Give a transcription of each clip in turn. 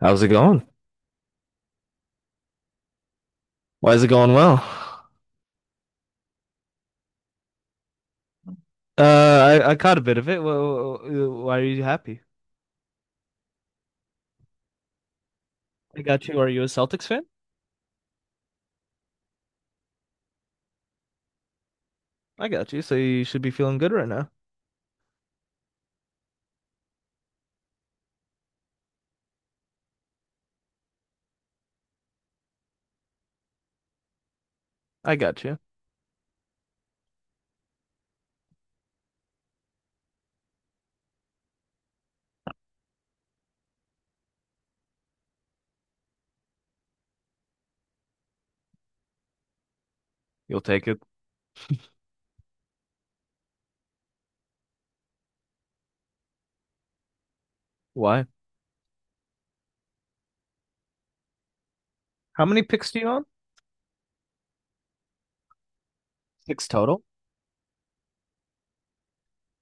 How's it going? Why is it going well? Uh, I caught a bit of it. Well, why are you happy? I got you. Are you a Celtics fan? I got you. So you should be feeling good right now. I got you. You'll take it. Why? How many picks do you own? Six total.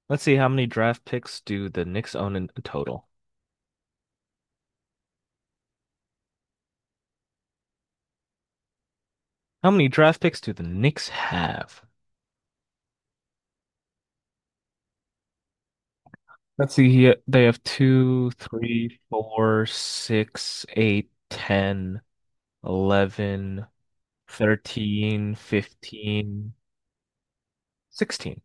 Let's see, how many draft picks do the Knicks own in total? How many draft picks do the Knicks have? Let's see here. They have two, three, four, six, eight, 10, 11, 13, 15, 16.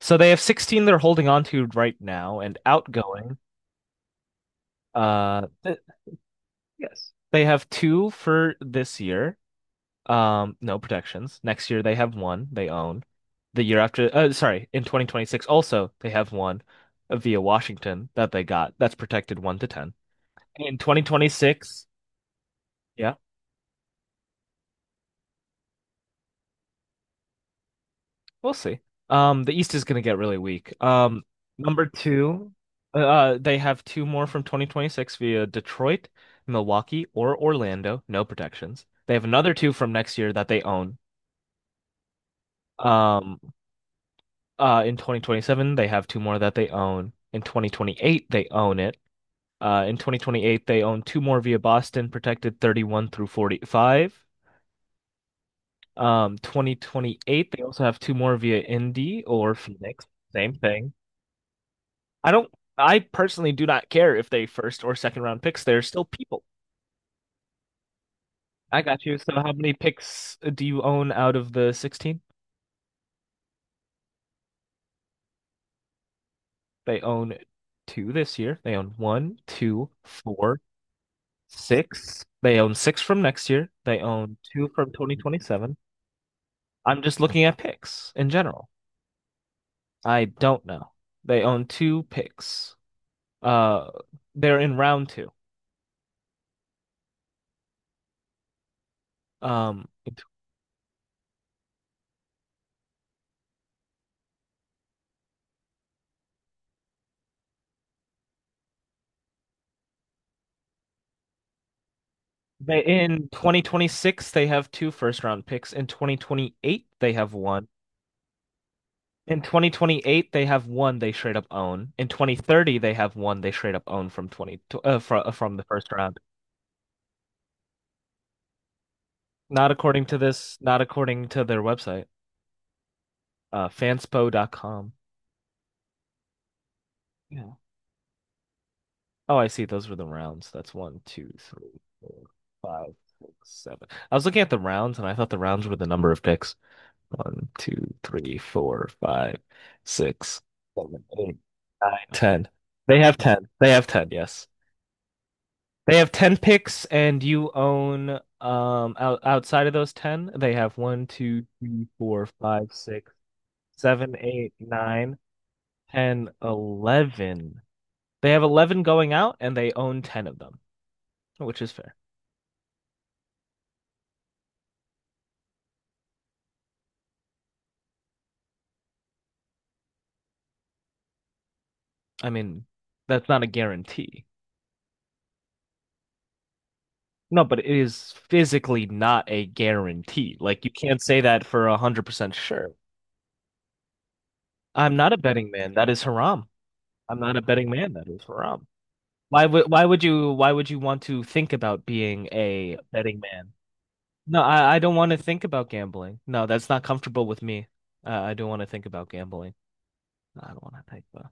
So they have 16 they're holding on to right now and outgoing. Uh, th- Yes, they have two for this year. No protections. Next year they have one they own. The year after, sorry, In 2026 also they have one via Washington that they got, that's protected 1 to 10. In 2026, yeah. We'll see. The East is going to get really weak. Number two, they have two more from 2026 via Detroit, Milwaukee, or Orlando. No protections. They have another two from next year that they own. Um, in 2027, they have two more that they own. In 2028, they own it. In 2028, they own two more via Boston, protected 31 through 45. 2028, they also have two more via Indy or Phoenix. Same thing. I don't, I personally do not care if they first or second round picks. They're still people. I got you. So how many picks do you own out of the 16? They own two this year. They own one, two, four, six. They own six from next year. They own two from 2027. I'm just looking at picks in general. I don't know. They own two picks. Uh, they're in round two. Um, They in 2026 they have two first round picks. In 2028 they have one. In 2028 they have one they straight up own. In 2030 they have one they straight up own from 20 fr from the first round. Not according to this, not according to their website, fanspo.com. Yeah. Oh, I see. Those were the rounds. That's one, two, three, four, five, six, seven. I was looking at the rounds and I thought the rounds were the number of picks. One, two, three, four, five, six, seven, eight, nine, 10. They have 10. They have ten, yes. They have ten picks, and you own outside of those 10, they have one, two, three, four, five, six, seven, eight, nine, ten, 11. They have 11 going out, and they own 10 of them, which is fair. I mean, that's not a guarantee. No, but it is physically not a guarantee. Like you can't say that for 100% sure. I'm not a betting man. That is haram. I'm not a betting man. That is haram. Why would you want to think about being a betting man? No, I don't want to think about gambling. No, that's not comfortable with me. I don't want to think about gambling. No, I don't want to think about.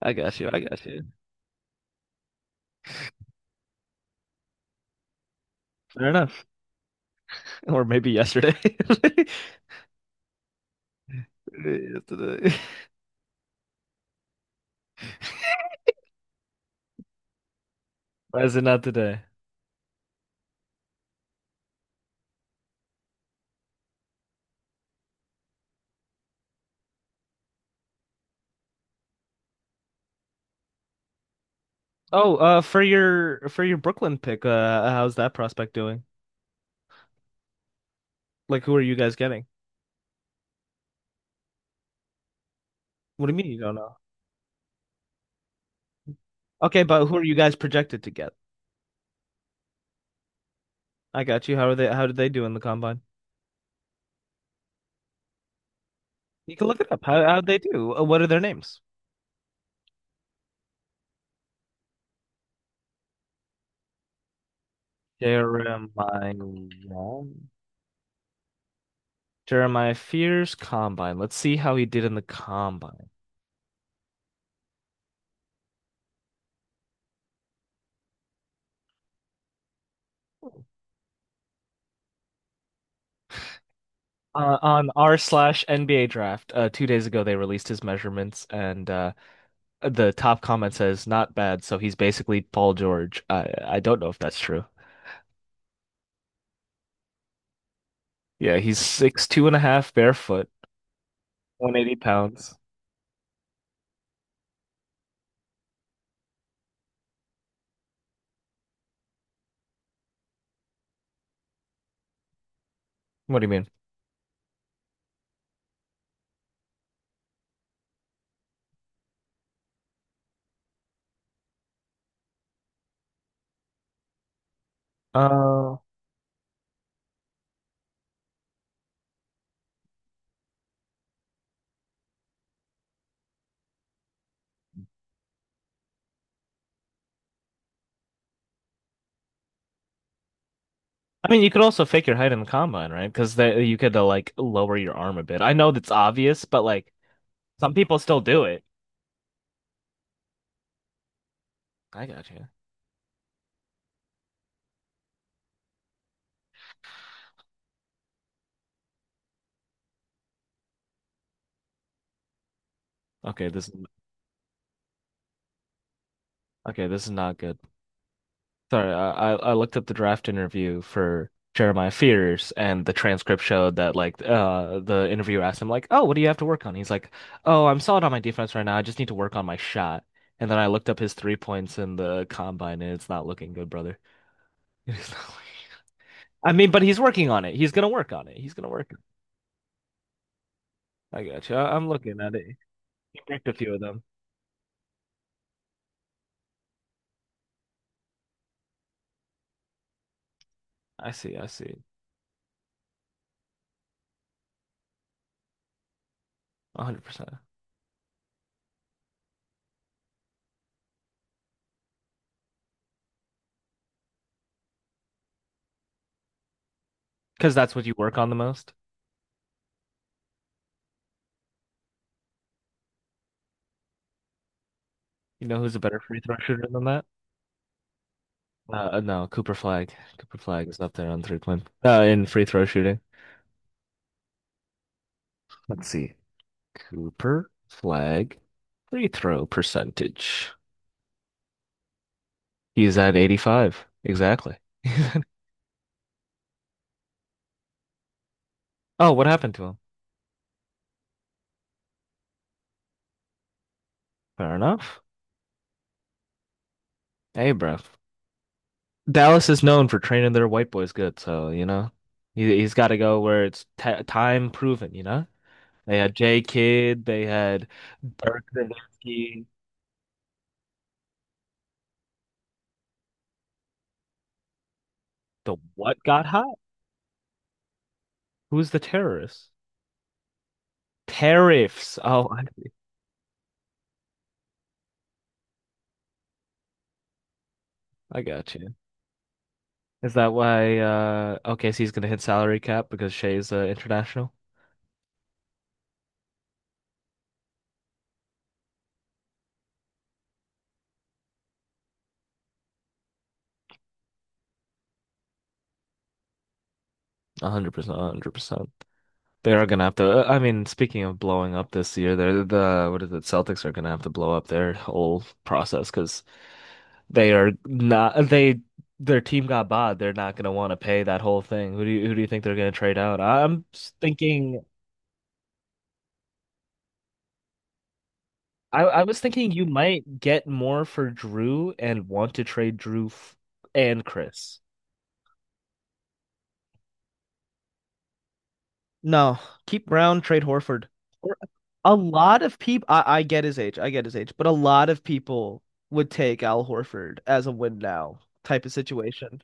I got you. I got you. Fair enough. Or maybe yesterday. Yesterday. Why is it not today? Oh, for your Brooklyn pick, how's that prospect doing? Like, who are you guys getting? What do you mean you don't know? Okay, but who are you guys projected to get? I got you. How are they? How did they do in the combine? You can look it up. How'd they do? What are their names? Jeremiah Jeremiah Fears Combine. Let's see how he did in the combine. On r/NBA draft, 2 days ago they released his measurements, and the top comment says not bad. So he's basically Paul George. I don't know if that's true. Yeah, he's 6'2" and a half barefoot, 180 pounds. What do you mean? Uh, I mean, you could also fake your height in the combine, right? Because that you could like lower your arm a bit. I know that's obvious, but like some people still do it. I got you. Okay, this is okay, this is not good. Sorry, I looked up the draft interview for Jeremiah Fears, and the transcript showed that like the interviewer asked him like, "Oh, what do you have to work on?" He's like, "Oh, I'm solid on my defense right now. I just need to work on my shot." And then I looked up his 3 points in the combine, and it's not looking good, brother. It's not looking- I mean, but he's working on it. He's gonna work on it. He's gonna work on it. I got you. I'm looking at it. He bricked a few of them. I see. I see. 100%. Because that's what you work on the most. You know who's a better free throw shooter than that? No, Cooper Flag. Cooper Flag is up there on 3-point. In free throw shooting. Let's see. Cooper Flag free throw percentage. He's at 85. Exactly. Oh, what happened to him? Fair enough. Hey, bro. Dallas is known for training their white boys good, so, you know, he's got to go where it's t time proven, you know? They had J. Kidd, they had Dirk Nowitzki. The what got hot? Who's the terrorist? Tariffs. Oh, I got you. Is that why OKC's gonna hit salary cap because Shea's international? 100%, 100%. They are gonna have to. I mean, speaking of blowing up this year, they're the what is it? Celtics are gonna have to blow up their whole process because they are not they their team got bought. They're not gonna want to pay that whole thing. Who do you think they're gonna trade out? Thinking. I was thinking you might get more for Drew and want to trade Drew f and Chris. No, keep Brown, trade Horford. Or- a lot of people, I get his age, I get his age, but a lot of people would take Al Horford as a win now type of situation.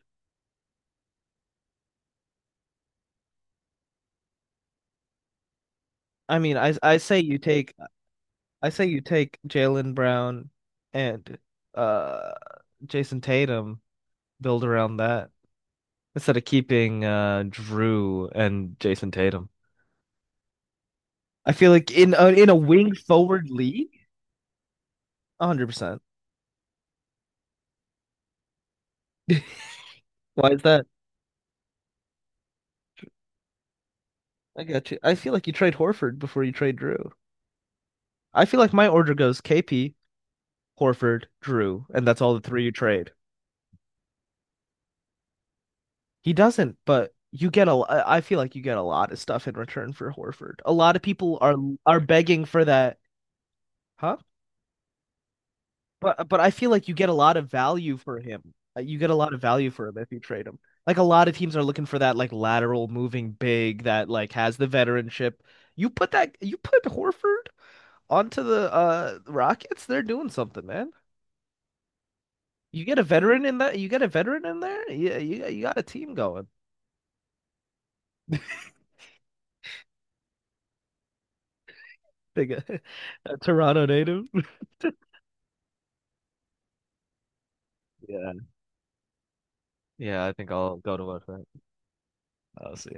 I mean, I say you take I say you take Jalen Brown and uh Jason Tatum, build around that instead of keeping Drew and Jason Tatum. I feel like in a wing forward league, 100%. Why is that? I got you. I feel like you trade Horford before you trade Drew. I feel like my order goes KP, Horford, Drew, and that's all the three you trade. He doesn't, but you get a. I feel like you get a lot of stuff in return for Horford. A lot of people are begging for that, huh? But I feel like you get a lot of value for him. You get a lot of value for him if you trade him. Like a lot of teams are looking for that like lateral moving big that like has the veteranship. You put Horford onto the Rockets, they're doing something, man. You get a veteran in that. You get a veteran in there. Yeah, you got a team going. Big a Toronto native. Yeah, yeah, I think I'll go to work for that. I'll see.